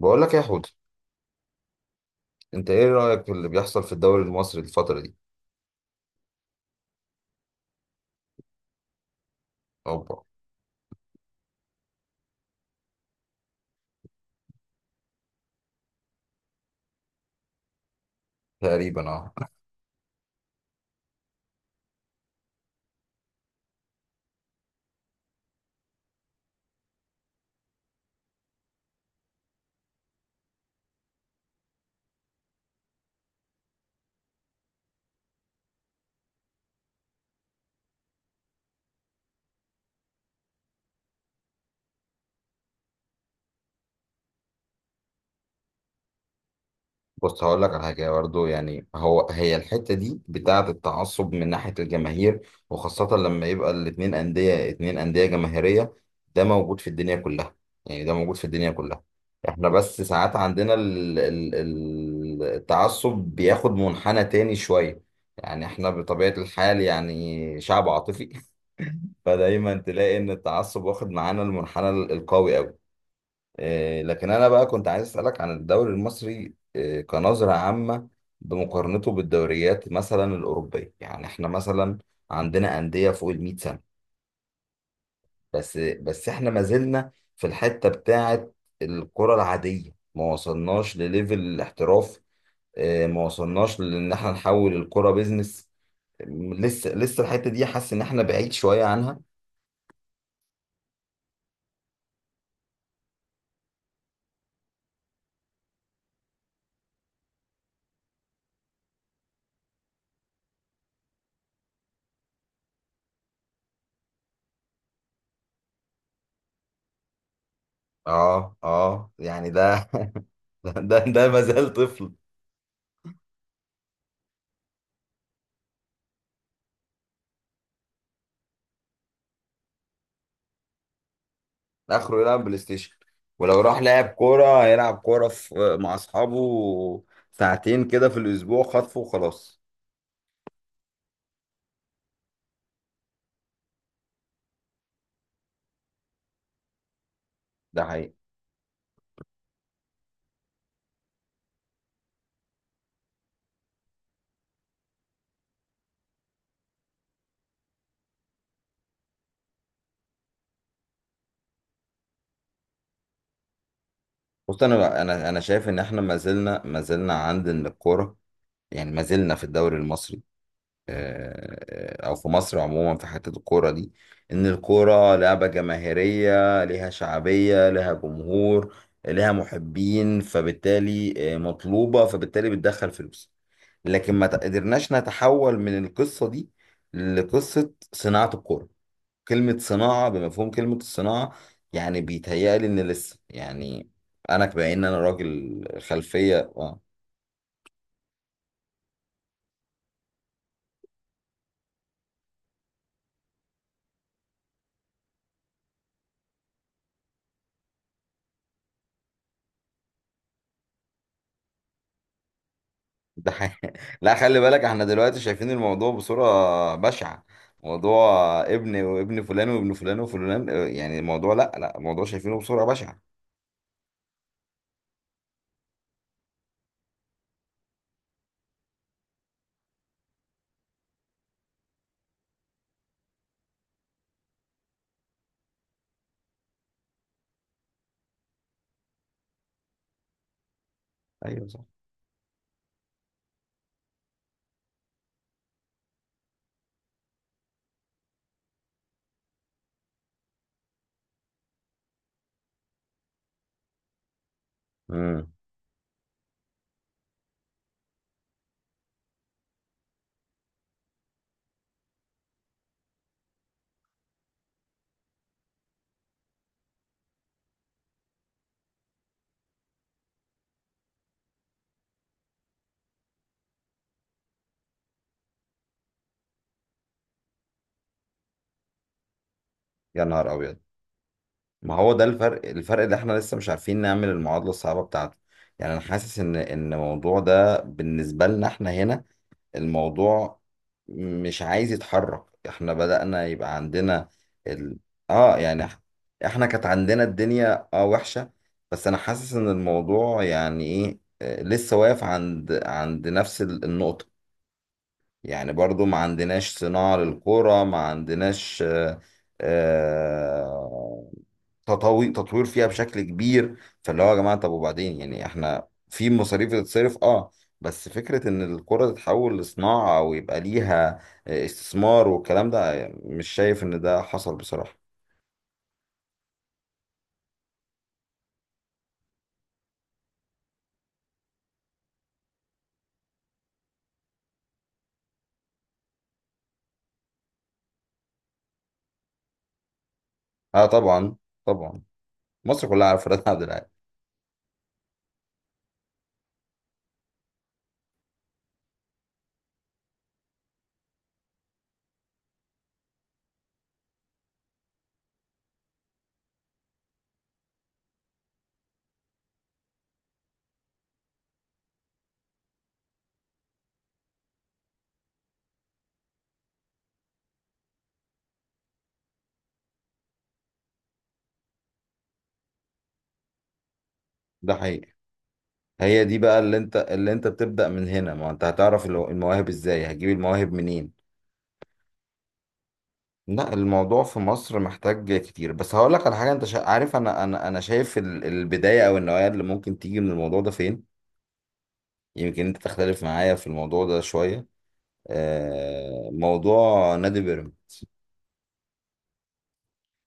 بقول لك إيه يا حوت، انت ايه رأيك في اللي بيحصل في الدوري المصري الفترة دي؟ اوبا. تقريبا اه. بص هقول لك على حاجة برضه، يعني هي الحتة دي بتاعة التعصب من ناحية الجماهير، وخاصة لما يبقى الاتنين أندية، اتنين أندية جماهيرية، ده موجود في الدنيا كلها، يعني ده موجود في الدنيا كلها. احنا بس ساعات عندنا التعصب بياخد منحنى تاني شوية. يعني احنا بطبيعة الحال يعني شعب عاطفي فدايما تلاقي ان التعصب واخد معانا المنحنى القوي قوي. إيه، لكن انا بقى كنت عايز اسالك عن الدوري المصري إيه كنظره عامه، بمقارنته بالدوريات مثلا الاوروبيه. يعني احنا مثلا عندنا انديه فوق ال 100 سنه، بس بس احنا ما زلنا في الحته بتاعه الكره العاديه، ما وصلناش لليفل الاحتراف. إيه، ما وصلناش لان احنا نحول الكره بيزنس. لسه لسه الحته دي حاسس ان احنا بعيد شويه عنها. اه اه يعني ده، ده ما زال طفل. اخره يلعب بلاي ستيشن، ولو راح لعب كوره هيلعب كوره في مع اصحابه ساعتين كده في الاسبوع، خطفه وخلاص. ده حقيقي. بص انا شايف ان احنا ما زلنا ما زلنا عندنا الكوره، يعني ما زلنا في الدوري المصري آه، آه، او في مصر عموما في حته الكوره دي، ان الكوره لعبه جماهيريه ليها شعبيه ليها جمهور ليها محبين، فبالتالي آه، مطلوبه، فبالتالي بتدخل فلوس. لكن ما قدرناش نتحول من القصة دي لقصة صناعة الكورة، كلمة صناعة بمفهوم كلمة الصناعة. يعني بيتهيألي إن لسه يعني أنا بما إن أنا راجل خلفية آه. ده حقيقي. لا، خلي بالك احنا دلوقتي شايفين الموضوع بصورة بشعة، موضوع ابن وابن فلان وابن فلان وفلان آه، يعني الموضوع لا لا الموضوع شايفينه بصورة بشعة. ايوه صح. امم. يا نهار ابيض، ما هو ده الفرق الفرق اللي احنا لسه مش عارفين نعمل المعادلة الصعبة بتاعته. يعني انا حاسس ان الموضوع ده بالنسبة لنا احنا هنا، الموضوع مش عايز يتحرك. احنا بدأنا يبقى عندنا ال... اه يعني احنا كانت عندنا الدنيا اه وحشة. بس انا حاسس ان الموضوع يعني ايه آه، لسه واقف عند عند نفس النقطة. يعني برضو ما عندناش صناعة للقرى، ما عندناش آه، آه، تطوير فيها بشكل كبير. فاللي هو يا جماعة، طب وبعدين، يعني احنا في مصاريف بتتصرف اه، بس فكرة ان القرى تتحول لصناعة او يبقى ليها آه، استثمار والكلام ده، مش شايف ان ده حصل بصراحة. اه طبعا، طبعا، مصر كلها عارفة رد عبد العال. ده حقيقي. هي دي بقى اللي انت اللي انت بتبدأ من هنا، ما انت هتعرف المواهب ازاي، هتجيب المواهب منين. لا، الموضوع في مصر محتاج كتير. بس هقول لك على حاجه، انت عارف، انا شايف البدايه او النوايا اللي ممكن تيجي من الموضوع ده فين. يمكن انت تختلف معايا في الموضوع ده شويه، آه موضوع نادي بيراميدز.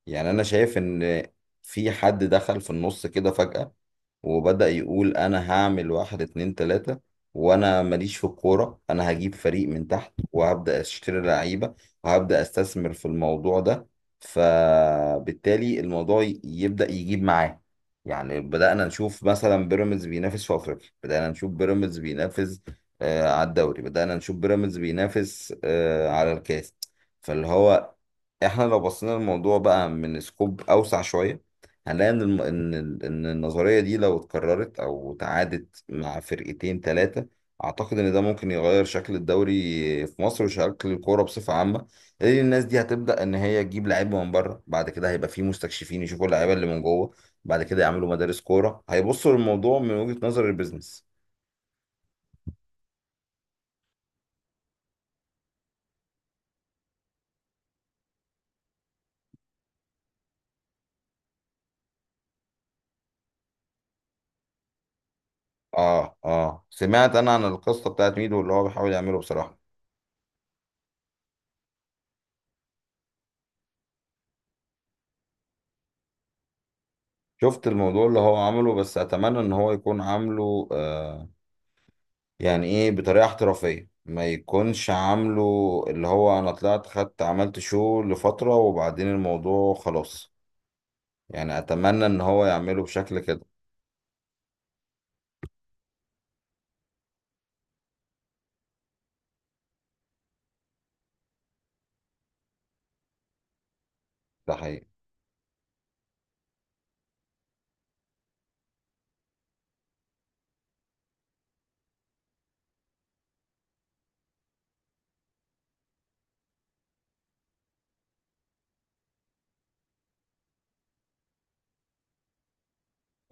يعني انا شايف ان في حد دخل في النص كده فجاه، وبدأ يقول أنا هعمل واحد اتنين تلاتة، وأنا ماليش في الكورة، أنا هجيب فريق من تحت وهبدأ أشتري لعيبة وهبدأ أستثمر في الموضوع ده، فبالتالي الموضوع يبدأ يجيب معاه. يعني بدأنا نشوف مثلا بيراميدز بينافس في أفريقيا، بدأنا نشوف بيراميدز بينافس آه على الدوري، بدأنا نشوف بيراميدز بينافس آه على الكاس. فاللي هو احنا لو بصينا الموضوع بقى من سكوب أوسع شوية، هنلاقي ان ان ان النظريه دي لو اتكررت او تعادت مع فرقتين ثلاثه، اعتقد ان ده ممكن يغير شكل الدوري في مصر وشكل الكوره بصفه عامه، لان الناس دي هتبدا ان هي تجيب لعيبه من بره، بعد كده هيبقى في مستكشفين يشوفوا اللعيبه اللي من جوه، بعد كده يعملوا مدارس كوره، هيبصوا للموضوع من وجهه نظر البيزنس. اه اه، سمعت انا عن القصه بتاعت ميدو اللي هو بيحاول يعمله بصراحه. شفت الموضوع اللي هو عمله، بس اتمنى ان هو يكون عامله آه، يعني ايه بطريقه احترافيه، ما يكونش عامله اللي هو انا طلعت خدت عملت شو لفتره وبعدين الموضوع خلاص. يعني اتمنى ان هو يعمله بشكل كده. ده حقيقي.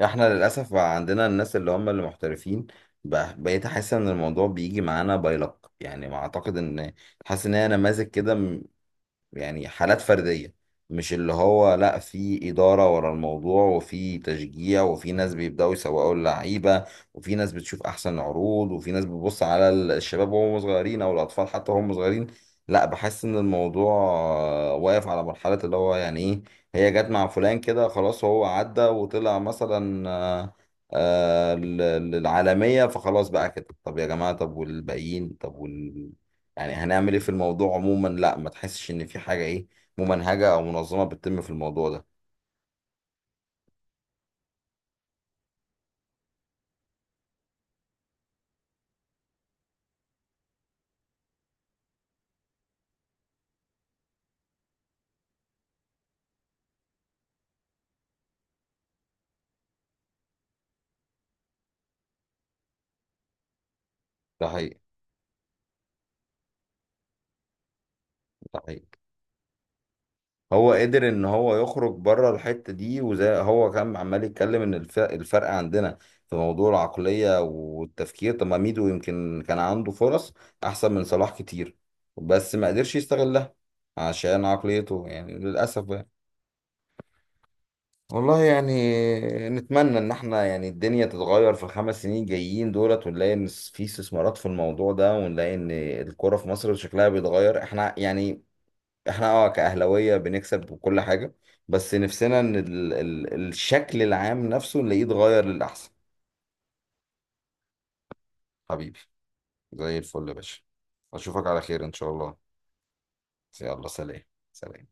احنا للاسف بقى عندنا الناس اللي هم اللي محترفين، بقيت احس ان الموضوع بيجي معانا باي لك، يعني ما اعتقد ان، حاسس ان هي نماذج كده، يعني حالات فردية، مش اللي هو لا في إدارة ورا الموضوع وفي تشجيع وفي ناس بيبدأوا يسوقوا اللعيبة وفي ناس بتشوف أحسن عروض وفي ناس بتبص على الشباب وهم صغيرين أو الأطفال حتى وهم صغيرين. لا بحس إن الموضوع آه، واقف على مرحلة اللي هو يعني إيه، هي جت مع فلان كده خلاص هو عدى وطلع مثلا آه، آه، للعالمية، فخلاص بقى كده، طب يا جماعة، طب والباقيين، طب يعني هنعمل ايه في الموضوع عموما. لا ما تحسش ان في حاجه ايه ممنهجه او منظمه بتتم في الموضوع ده. ده حقيقي. ده حقيقي. هو قدر ان هو يخرج بره الحته دي، وزي هو كان عمال يتكلم ان الفرق عندنا في موضوع العقليه والتفكير، طب ما ميدو يمكن كان عنده فرص احسن من صلاح كتير، بس ما قدرش يستغلها عشان عقليته، يعني للاسف يعني. والله يعني، نتمنى ان احنا يعني الدنيا تتغير في ال5 سنين جايين دولت، ونلاقي ان في استثمارات في الموضوع ده، ونلاقي ان الكرة في مصر شكلها بيتغير. احنا يعني احنا اه كأهلاوية بنكسب وكل حاجة، بس نفسنا ان ال الشكل العام نفسه نلاقيه اتغير للأحسن. حبيبي، زي الفل يا باشا. اشوفك على خير ان شاء الله. يلا سلام. سلام.